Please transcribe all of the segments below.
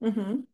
Ujú.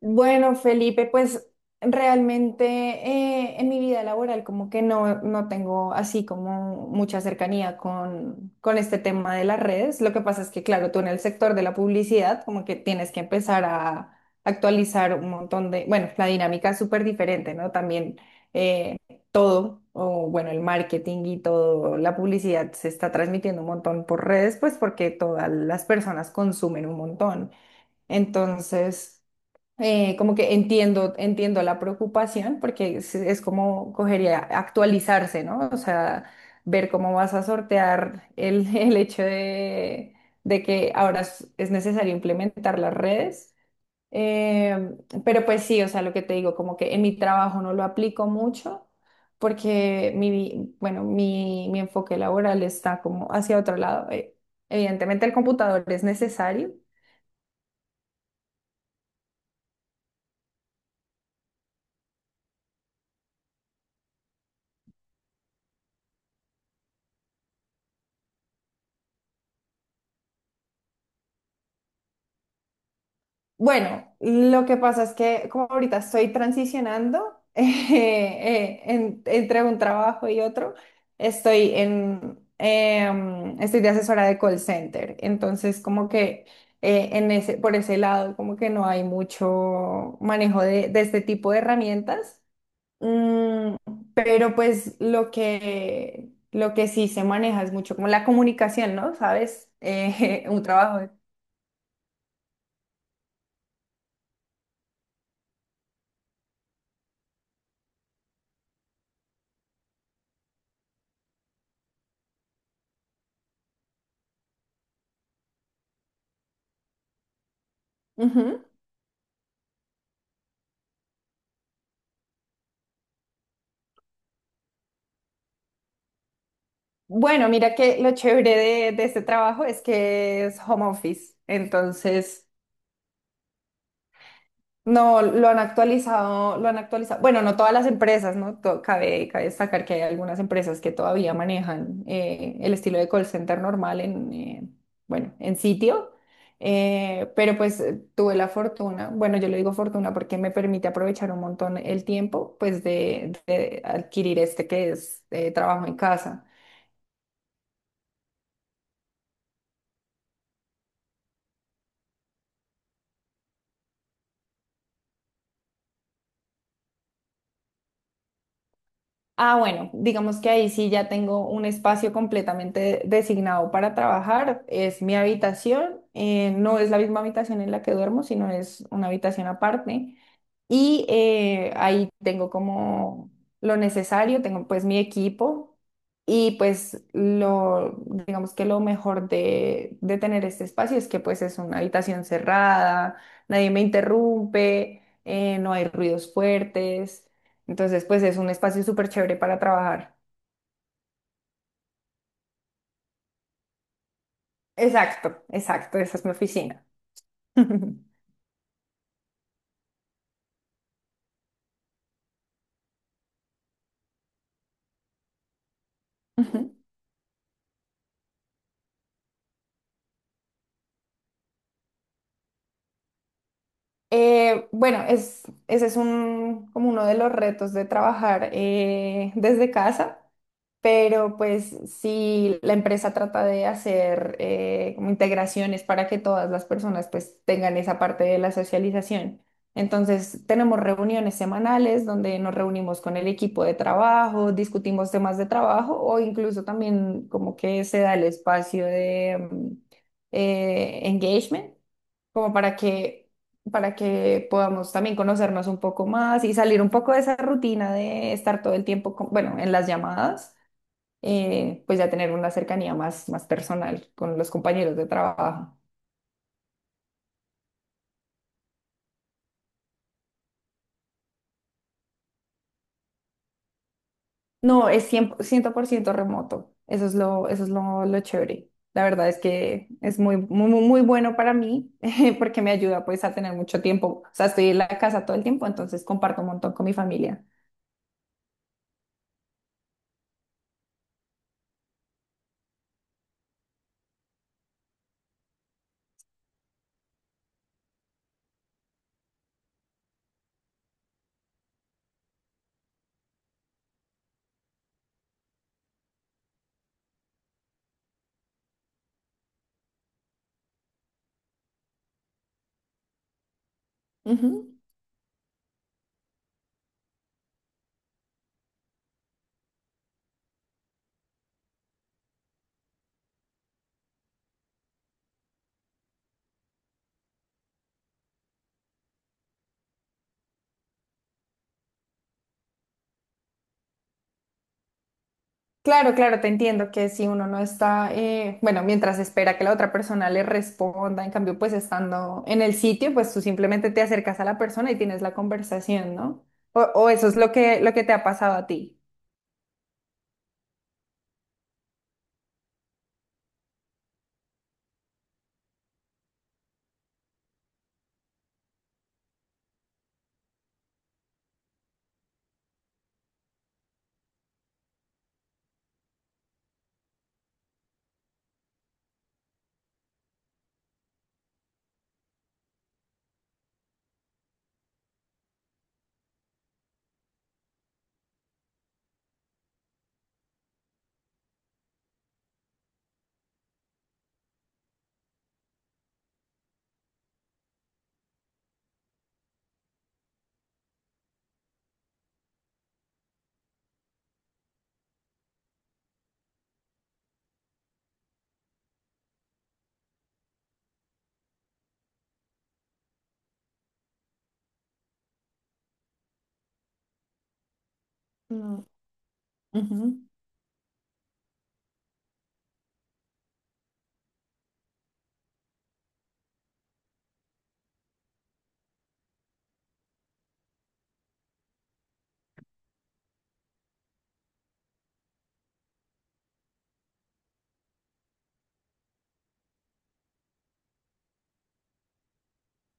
Bueno, Felipe, pues realmente en mi vida laboral como que no, no tengo así como mucha cercanía con este tema de las redes. Lo que pasa es que, claro, tú en el sector de la publicidad como que tienes que empezar a actualizar un montón de, bueno, la dinámica es súper diferente, ¿no? También eh, todo, o bueno, el marketing y todo, la publicidad se está transmitiendo un montón por redes, pues porque todas las personas consumen un montón. Entonces, como que entiendo la preocupación porque es como cogería actualizarse, ¿no? O sea, ver cómo vas a sortear el, el hecho de que ahora es necesario implementar las redes. Eh, pero pues sí, o sea, lo que te digo, como que en mi trabajo no lo aplico mucho porque mi, bueno, mi enfoque laboral está como hacia otro lado. Evidentemente el computador es necesario. Bueno, lo que pasa es que como ahorita estoy transicionando entre un trabajo y otro, estoy de asesora de call center, entonces como que por ese lado como que no hay mucho manejo de este tipo de herramientas. Mm, pero pues lo que sí se maneja es mucho como la comunicación, ¿no? ¿Sabes? Un trabajo. Ujú. Bueno, mira que lo chévere de este trabajo es que es home office, entonces no lo han actualizado, lo han actualizado. Bueno, no todas las empresas, ¿no? Cabe destacar que hay algunas empresas que todavía manejan el estilo de call center normal bueno, en sitio. Pero pues tuve la fortuna, bueno, yo le digo fortuna porque me permite aprovechar un montón el tiempo, pues de adquirir este que es trabajo en casa. Ah, bueno, digamos que ahí sí ya tengo un espacio completamente designado para trabajar. Es mi habitación, no es la misma habitación en la que duermo, sino es una habitación aparte. Y ahí tengo como lo necesario, tengo pues mi equipo y pues digamos que lo mejor de tener este espacio es que pues es una habitación cerrada, nadie me interrumpe, no hay ruidos fuertes, entonces pues es un espacio súper chévere para trabajar. Exacto, exacto, esa es mi oficina. Ujú. Bueno, es, ese es un, como uno de los retos de trabajar desde casa, pero pues sí, la empresa trata de hacer como integraciones para que todas las personas pues tengan esa parte de la socialización. Entonces, tenemos reuniones semanales donde nos reunimos con el equipo de trabajo, discutimos temas de trabajo o incluso también como que se da el espacio de engagement como para que, podamos también conocernos un poco más y salir un poco de esa rutina de estar todo el tiempo, bueno, en las llamadas, pues ya tener una cercanía más, más personal con los compañeros de trabajo. No, es cien por ciento remoto. Eso es lo chévere. La verdad es que es muy, muy, muy muy bueno para mí porque me ayuda pues a tener mucho tiempo. O sea, estoy en la casa todo el tiempo, entonces comparto un montón con mi familia. Ujú. Claro, claro, te entiendo que si uno no está, bueno, mientras espera que la otra persona le responda, en cambio, pues estando en el sitio, pues tú simplemente te acercas a la persona y tienes la conversación, ¿no? O eso es lo que te ha pasado a ti. Mm, ujú,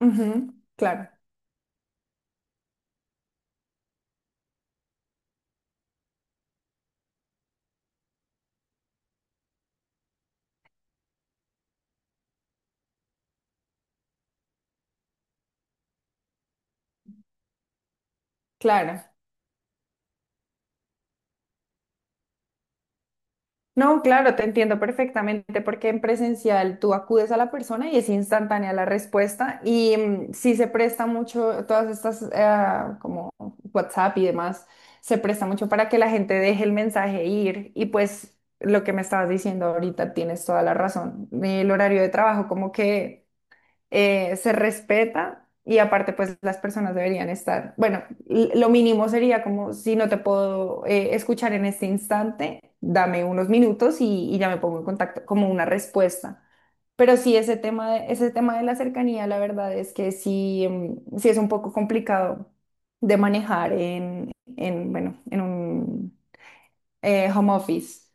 ujú, claro, claro. No, claro, te entiendo perfectamente porque en presencial tú acudes a la persona y es instantánea la respuesta y sí se presta mucho, todas estas como WhatsApp y demás, se presta mucho para que la gente deje el mensaje ir y pues lo que me estabas diciendo ahorita tienes toda la razón. El horario de trabajo como que se respeta y aparte pues las personas deberían estar, bueno, lo mínimo sería como si no te puedo escuchar en este instante, dame unos minutos y ya me pongo en contacto como una respuesta. Pero sí, ese tema de la cercanía, la verdad es que sí, sí es un poco complicado de manejar en bueno, en un home office.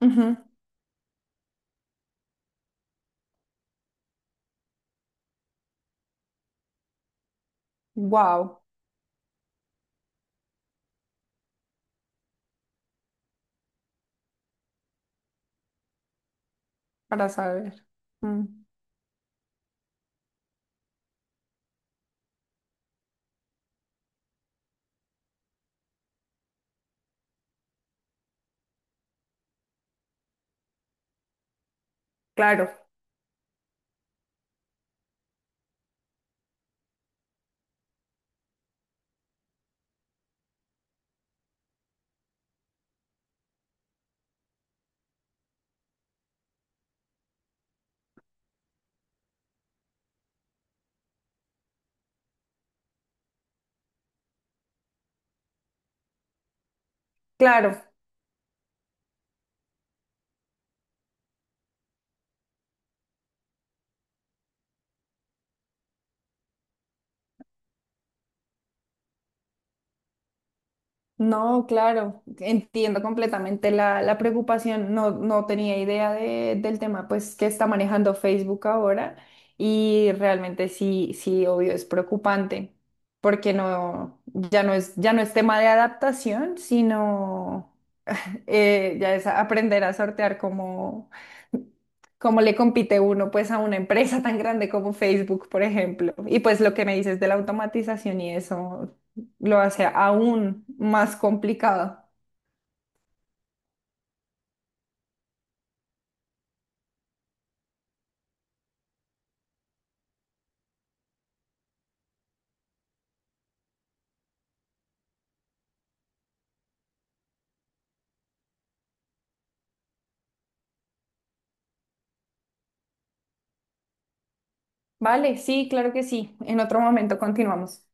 Ujú. Wow, para saber. Mm, claro, claro. No, claro, entiendo completamente la preocupación. No, no tenía idea del tema pues que está manejando Facebook ahora y realmente sí, sí, obvio, es preocupante porque no, ya no es, tema de adaptación, sino ya es aprender a sortear cómo le compite uno pues a una empresa tan grande como Facebook, por ejemplo. Y pues lo que me dices de la automatización y eso lo hace aún más complicado. Vale, sí, claro que sí. En otro momento continuamos.